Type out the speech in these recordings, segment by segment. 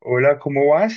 Hola, ¿cómo vas?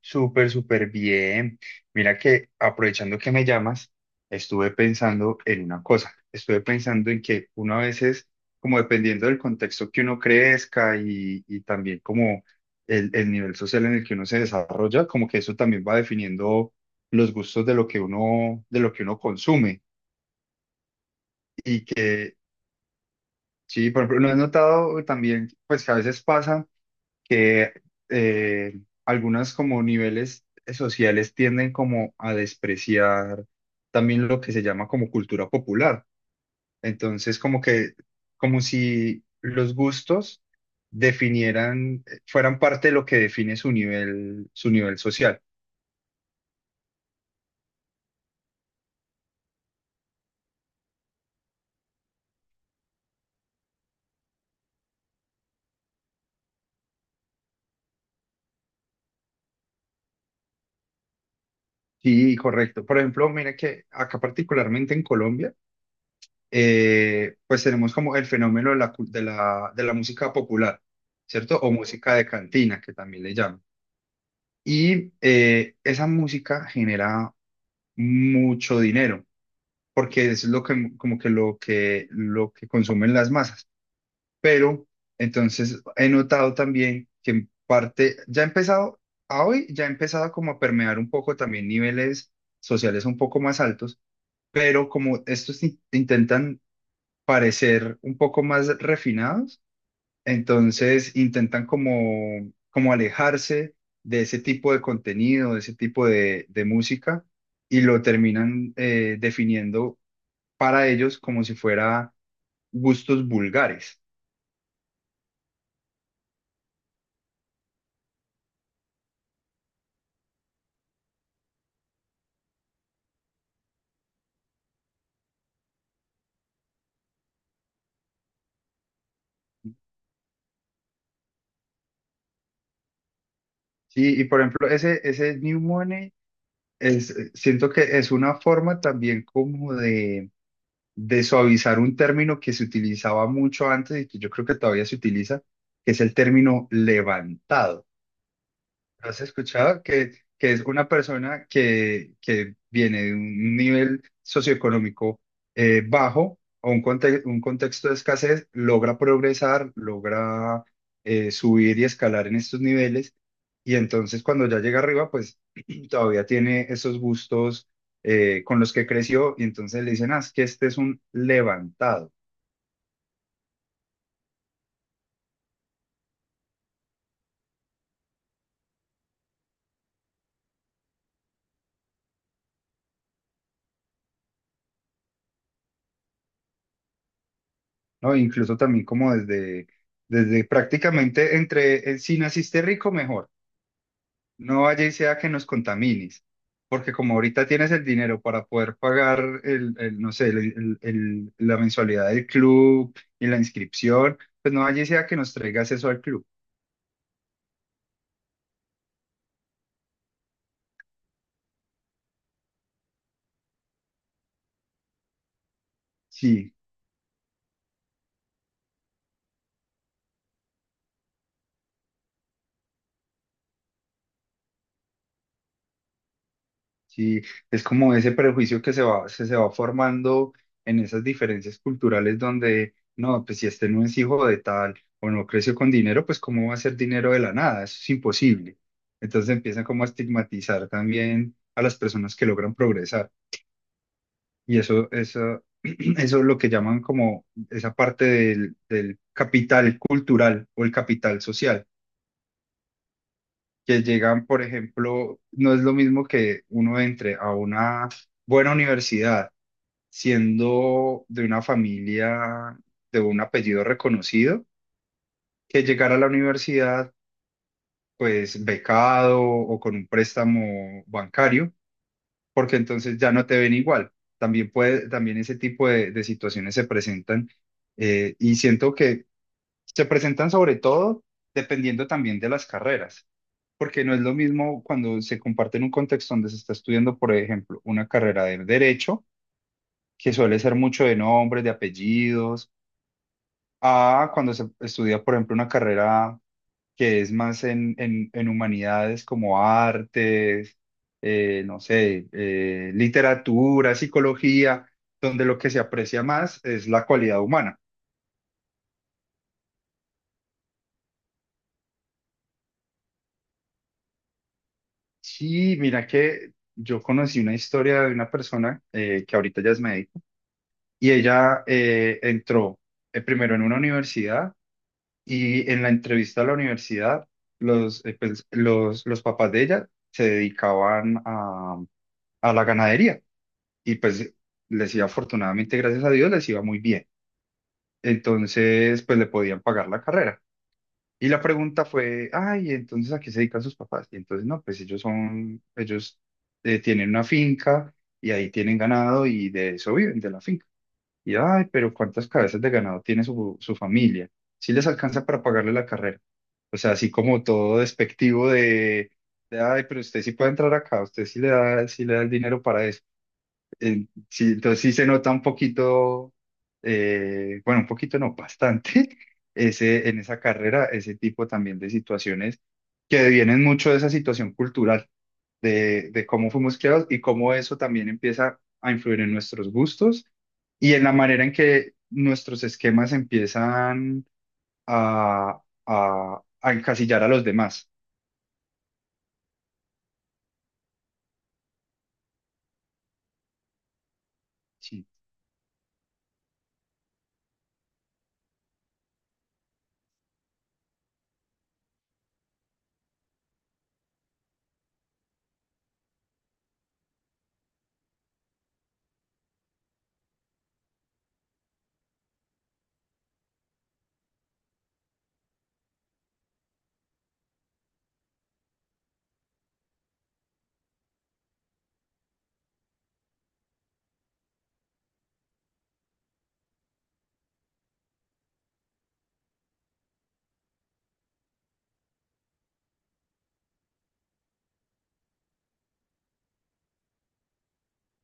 Súper, súper bien. Mira que aprovechando que me llamas, estuve pensando en una cosa. Estuve pensando en que uno a veces, como dependiendo del contexto que uno crezca y también como el nivel social en el que uno se desarrolla, como que eso también va definiendo los gustos de lo que uno, de lo que uno consume. Y que, sí, por ejemplo, no he notado también, pues que a veces pasa. Que eh, algunas como niveles sociales tienden como a despreciar también lo que se llama como cultura popular. Entonces, como que, como si los gustos definieran, fueran parte de lo que define su nivel social. Sí, correcto. Por ejemplo, mire que acá particularmente en Colombia, pues tenemos como el fenómeno de la, de la, de la música popular, ¿cierto? O música de cantina, que también le llaman. Y esa música genera mucho dinero, porque es lo que, como que lo que, lo que consumen las masas. Pero entonces he notado también que en parte, ya ha empezado, a hoy ya ha empezado como a permear un poco también niveles sociales un poco más altos, pero como estos intentan parecer un poco más refinados, entonces intentan como, como alejarse de ese tipo de contenido, de ese tipo de música, y lo terminan definiendo para ellos como si fuera gustos vulgares. Sí, y por ejemplo, ese New Money es, siento que es una forma también como de suavizar un término que se utilizaba mucho antes y que yo creo que todavía se utiliza, que es el término levantado. ¿Has escuchado que es una persona que viene de un nivel socioeconómico bajo o un, un contexto de escasez, logra progresar, logra subir y escalar en estos niveles? Y entonces cuando ya llega arriba, pues todavía tiene esos gustos con los que creció y entonces le dicen, ah, es que este es un levantado, ¿no? Incluso también como desde, desde prácticamente entre, si naciste rico, mejor. No vaya y sea que nos contamines, porque como ahorita tienes el dinero para poder pagar no sé, la mensualidad del club y la inscripción, pues no vaya y sea que nos traigas eso al club. Sí, sí, es como ese prejuicio que se va, se va formando en esas diferencias culturales donde, no, pues si este no es hijo de tal o no creció con dinero, pues cómo va a ser dinero de la nada, eso es imposible. Entonces empiezan como a estigmatizar también a las personas que logran progresar. Y eso, eso es lo que llaman como esa parte del capital cultural o el capital social, que llegan, por ejemplo, no es lo mismo que uno entre a una buena universidad siendo de una familia de un apellido reconocido, que llegar a la universidad pues becado o con un préstamo bancario, porque entonces ya no te ven igual. También puede, también ese tipo de situaciones se presentan, y siento que se presentan sobre todo dependiendo también de las carreras, porque no es lo mismo cuando se comparte en un contexto donde se está estudiando, por ejemplo, una carrera de derecho, que suele ser mucho de nombres, de apellidos, a cuando se estudia, por ejemplo, una carrera que es más en, en humanidades como artes, no sé, literatura, psicología, donde lo que se aprecia más es la cualidad humana. Sí, mira que yo conocí una historia de una persona que ahorita ya es médico y ella entró primero en una universidad y en la entrevista a la universidad, los, pues, los papás de ella se dedicaban a la ganadería. Y pues les iba afortunadamente, gracias a Dios, les iba muy bien. Entonces, pues le podían pagar la carrera. Y la pregunta fue, ay, entonces ¿a qué se dedican sus papás? Y entonces, no, pues ellos son, ellos tienen una finca y ahí tienen ganado y de eso viven, de la finca. Y, ay, pero ¿cuántas cabezas de ganado tiene su, su familia? Si les alcanza para pagarle la carrera. O sea, así como todo despectivo de, ay, pero usted sí puede entrar acá, usted sí le da el dinero para eso. Sí, entonces sí se nota un poquito, bueno, un poquito no, bastante, ese, en esa carrera, ese tipo también de situaciones que vienen mucho de esa situación cultural, de cómo fuimos criados y cómo eso también empieza a influir en nuestros gustos y en la manera en que nuestros esquemas empiezan a, a encasillar a los demás. ¿Sí?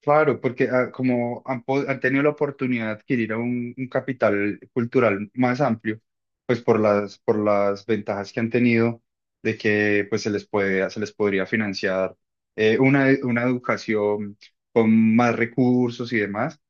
Claro, porque ah, como han, han tenido la oportunidad de adquirir un capital cultural más amplio, pues por las ventajas que han tenido de que pues se les puede, se les podría financiar una educación con más recursos y demás,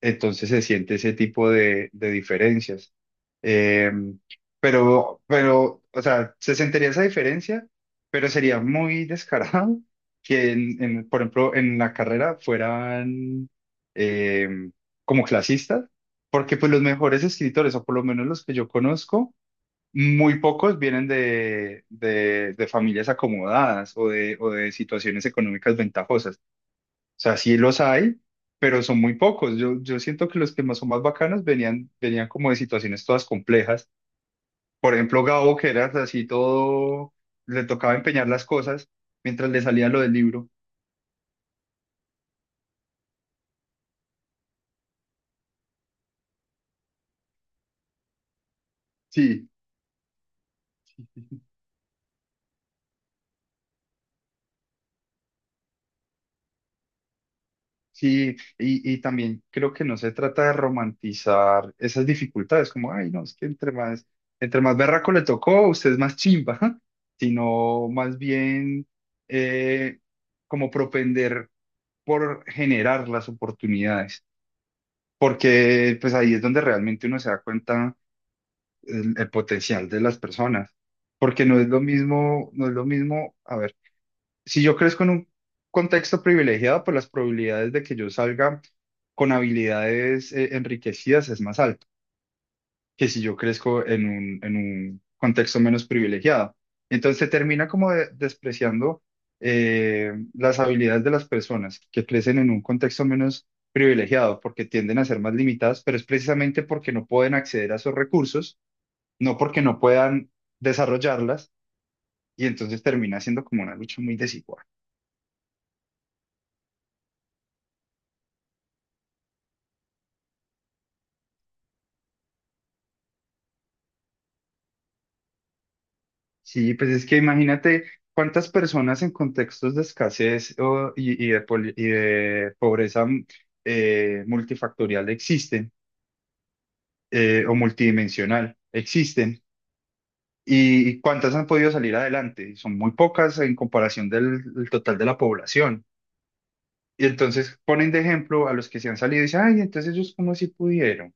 entonces se siente ese tipo de diferencias. Eh, pero, o sea, se sentiría esa diferencia, pero sería muy descarado que, en, por ejemplo, en la carrera fueran eh, como clasistas, porque pues los mejores escritores, o por lo menos los que yo conozco, muy pocos vienen de familias acomodadas o de situaciones económicas ventajosas, sea, sí los hay, pero son muy pocos. Yo siento que los que más son más bacanos venían, venían como de situaciones todas complejas. Por ejemplo, Gabo, que era así todo, le tocaba empeñar las cosas mientras le salía lo del libro. Sí, sí, y también creo que no se trata de romantizar esas dificultades, como, ay, no, es que entre más berraco le tocó, usted es más chimba, sino más bien eh, como propender por generar las oportunidades, porque pues ahí es donde realmente uno se da cuenta el potencial de las personas, porque no es lo mismo, no es lo mismo, a ver, si yo crezco en un contexto privilegiado, pues las probabilidades de que yo salga con habilidades enriquecidas es más alta que si yo crezco en un contexto menos privilegiado. Entonces se termina como despreciando las habilidades de las personas que crecen en un contexto menos privilegiado porque tienden a ser más limitadas, pero es precisamente porque no pueden acceder a esos recursos, no porque no puedan desarrollarlas, y entonces termina siendo como una lucha muy desigual. Sí, pues es que imagínate cuántas personas en contextos de escasez y de, y de pobreza multifactorial existen, o multidimensional existen y cuántas han podido salir adelante. Y son muy pocas en comparación del, del total de la población. Y entonces ponen de ejemplo a los que se han salido y dicen, ay, entonces ellos como si pudieron.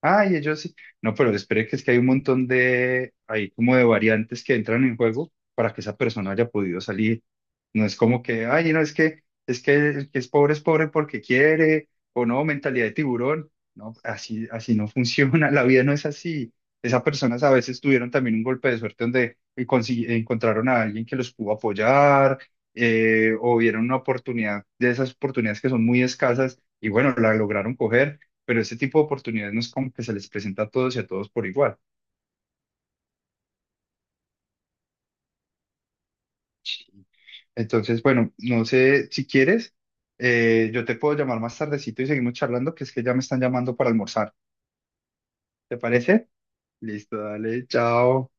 Ay, ellos sí. No, pero espere que es que hay un montón de, hay como de variantes que entran en juego para que esa persona haya podido salir. No es como que, ay, no, es que el que es pobre porque quiere, o no, mentalidad de tiburón. No, así, así no funciona, la vida no es así. Esas personas a veces tuvieron también un golpe de suerte donde encontraron a alguien que los pudo apoyar, o vieron una oportunidad, de esas oportunidades que son muy escasas, y bueno, la lograron coger, pero ese tipo de oportunidades no es como que se les presenta a todos y a todos por igual. Sí. Entonces, bueno, no sé si quieres, yo te puedo llamar más tardecito y seguimos charlando, que es que ya me están llamando para almorzar. ¿Te parece? Listo, dale, chao.